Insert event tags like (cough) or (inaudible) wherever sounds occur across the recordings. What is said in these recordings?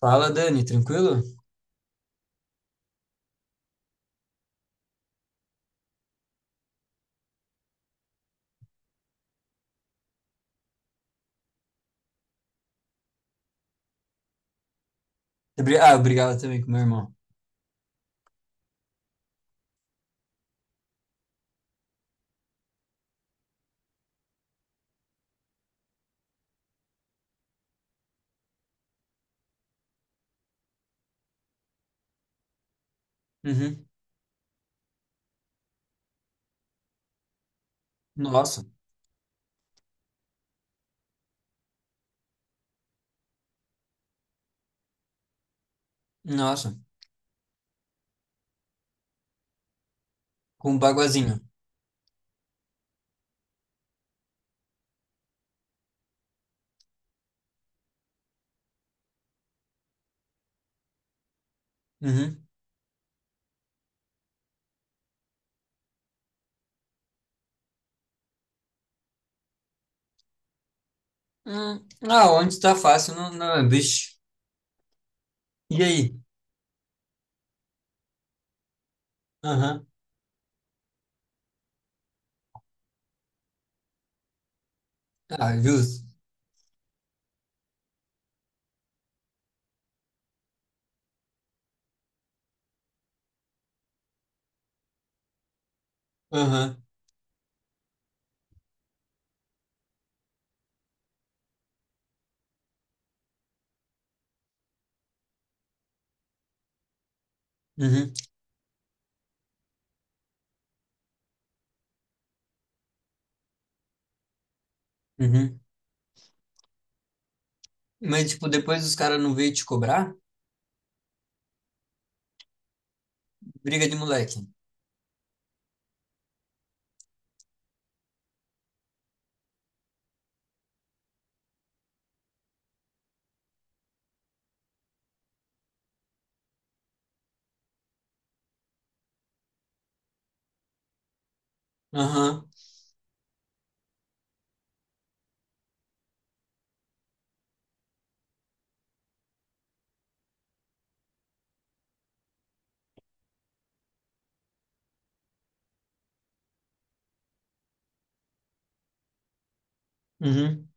Fala, Dani, tranquilo? Ah, eu brigava também com meu irmão. Uhum. Nossa, nossa, com um baguazinho. Uhum. Ah, onde tá fácil, não, não, é, bicho. E aí? Aham. Ah, é justo. Aham. Uhum. Uhum. Mas, tipo, depois os caras não veio te cobrar? Briga de moleque. Aham. Uhum.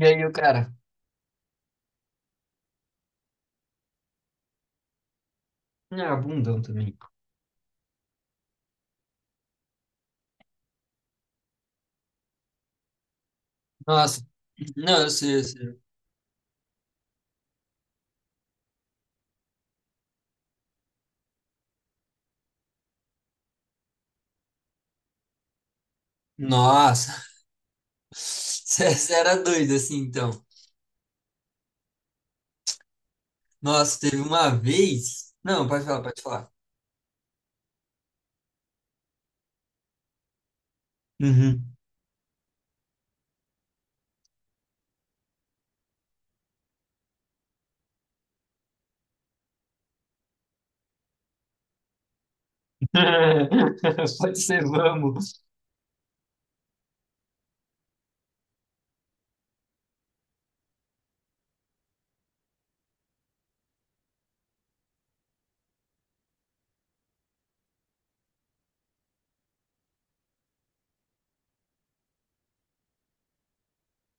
E aí, o cara? Ah, bundão também. Nossa. Não, eu sei, eu sei. Nossa. (laughs) Você era doido assim, então. Nossa, teve uma vez. Não, pode falar, pode falar. Uhum. (laughs) Pode ser, vamos.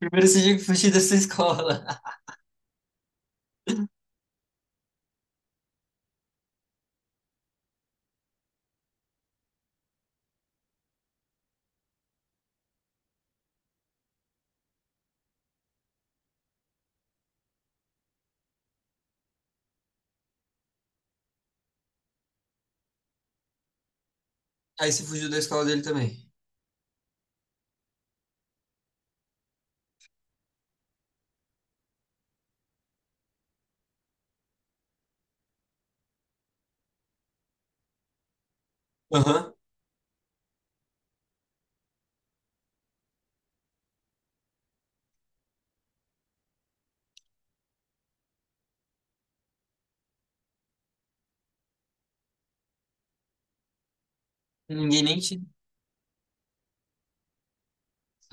Primeiro você tinha que fugir dessa escola. Aí você fugiu da escola dele também. Aham. Ninguém nem te.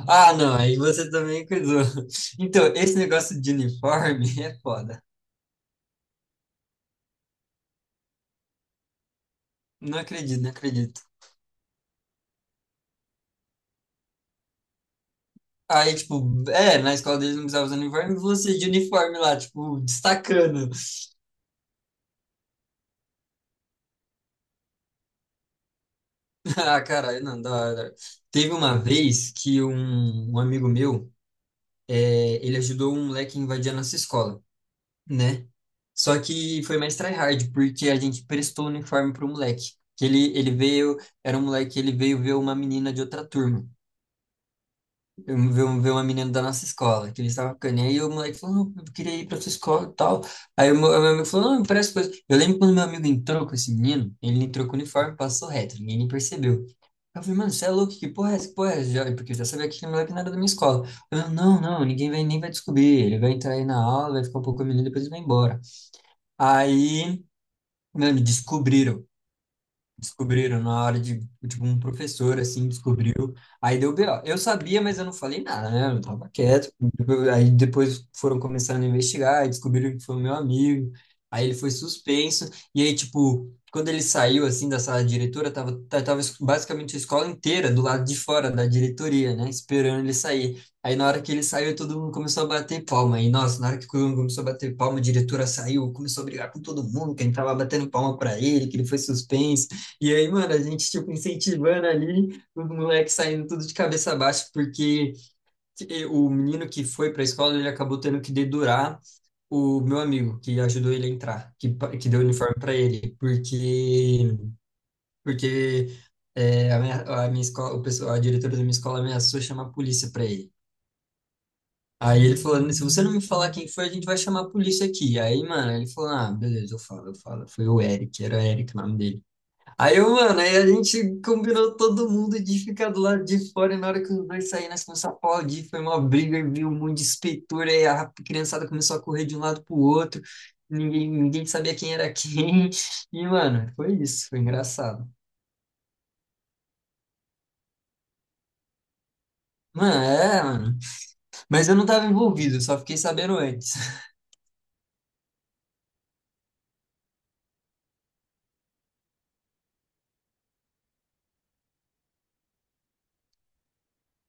Ah, não, aí você também cuidou. Então, esse negócio de uniforme (laughs) é foda. Não acredito, não acredito. Aí, tipo, é, na escola dele não precisava usar uniforme, você de uniforme lá, tipo, destacando. (laughs) Ah, caralho, não, da hora. Teve uma vez que um amigo meu. É, ele ajudou um moleque a invadir a nossa escola, né? Só que foi mais tryhard, porque a gente prestou o uniforme pro moleque. Que ele veio, era um moleque, ele veio ver uma menina de outra turma. Eu vi, vi uma menina da nossa escola, que ele estava ficando, e aí o moleque falou, não, eu queria ir pra sua escola e tal. Aí o meu amigo falou, não, me parece coisa. Eu lembro quando meu amigo entrou com esse menino, ele entrou com o uniforme, passou reto, ninguém nem percebeu. Eu falei, mano, você é louco, que porra é essa? Que porra é essa? Porque eu já sabia que aquele moleque não era da minha escola. Eu, não, não, ninguém vai, nem vai descobrir. Ele vai entrar aí na aula, vai ficar um pouco menino, depois ele vai embora. Aí, mano, descobriram na hora de, tipo, um professor, assim, descobriu. Aí deu B.O. Eu sabia, mas eu não falei nada, né? Eu tava quieto. Aí depois foram começando a investigar, e descobriram que foi meu amigo. Aí ele foi suspenso. E aí, tipo, quando ele saiu, assim, da sala de diretora, tava, tava basicamente a escola inteira do lado de fora da diretoria, né? Esperando ele sair. Aí na hora que ele saiu, todo mundo começou a bater palma. E nossa, na hora que todo mundo começou a bater palma, a diretora saiu, começou a brigar com todo mundo, quem tava batendo palma pra ele, que ele foi suspenso. E aí, mano, a gente, tipo, incentivando ali, o moleque saindo tudo de cabeça baixa, porque o menino que foi pra escola, ele acabou tendo que dedurar o meu amigo, que ajudou ele a entrar, que, que deu o uniforme pra ele, porque, porque é, a minha escola, o pessoal, a diretora da minha escola ameaçou chamar a polícia pra ele. Aí ele falou, se você não me falar quem foi, a gente vai chamar a polícia aqui. Aí, mano, ele falou, ah, beleza, eu falo, eu falo. Foi o Eric, era o Eric o nome dele. Aí, eu, mano, aí a gente combinou todo mundo de ficar do lado de fora, e na hora que os dois saíram, nós começamos a aplaudir, foi uma briga, e viu um monte de espetura, aí a criançada começou a correr de um lado pro outro, ninguém, ninguém sabia quem era quem, e, mano, foi isso, foi engraçado. Mano, é, mano, mas eu não tava envolvido, eu só fiquei sabendo antes.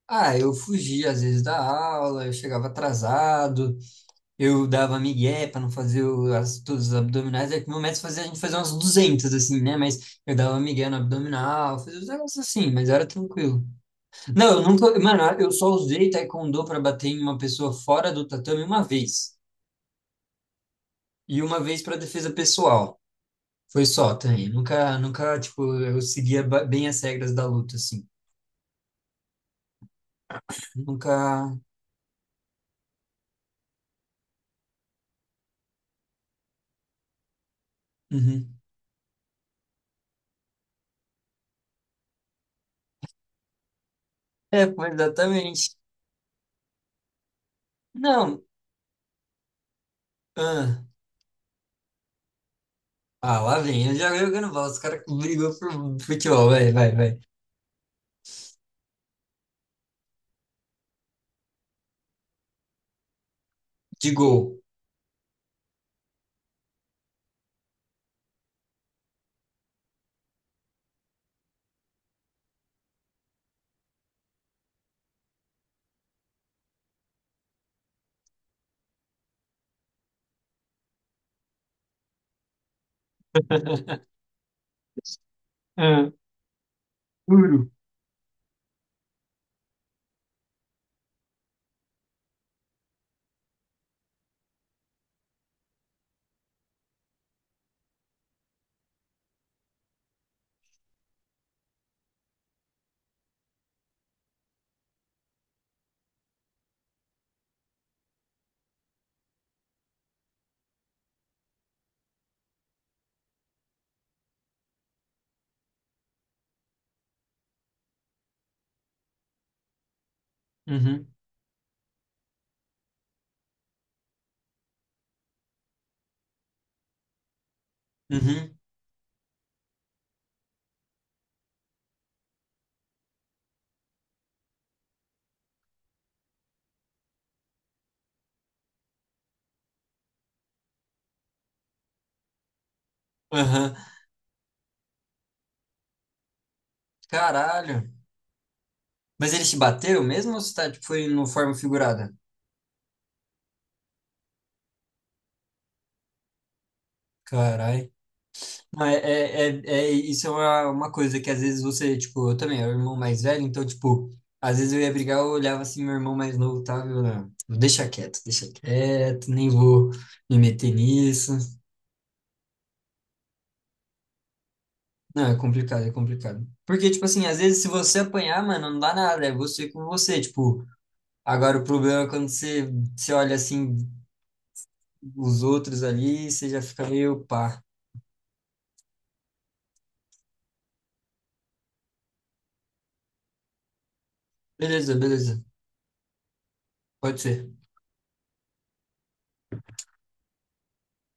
Ah, eu fugia às vezes da aula, eu chegava atrasado, eu dava migué para não fazer as, todos os abdominais. É que meu método fazia a gente fazer uns 200 assim, né? Mas eu dava migué no abdominal, fazia uns negócios assim, mas era tranquilo. Não, eu nunca. Mano, eu só usei taekwondo para bater em uma pessoa fora do tatame uma vez. E uma vez para defesa pessoal. Foi só também. Nunca, nunca, tipo, eu seguia bem as regras da luta, assim. Nunca. Uhum. É, pô, exatamente. Não. Ah, ah, lá vem. Eu já jogando bola. Os caras brigam por futebol. Vai, vai, vai. De gol. (laughs) Ah, duro. Uhum, uhum, aham. Caralho. Mas eles te bateram mesmo ou você tá, tipo, foi no forma figurada? Caralho. Não, é, é, é, isso é uma coisa que às vezes você, tipo, eu também, eu era o irmão mais velho, então, tipo, às vezes eu ia brigar, eu olhava assim, meu irmão mais novo tava, eu, não, deixa quieto, nem vou me meter nisso. Não, é complicado, é complicado. Porque, tipo assim, às vezes se você apanhar, mano, não dá nada, é você com você, tipo, agora, o problema é quando você, você olha assim os outros ali, você já fica meio pá. Beleza, beleza. Pode ser.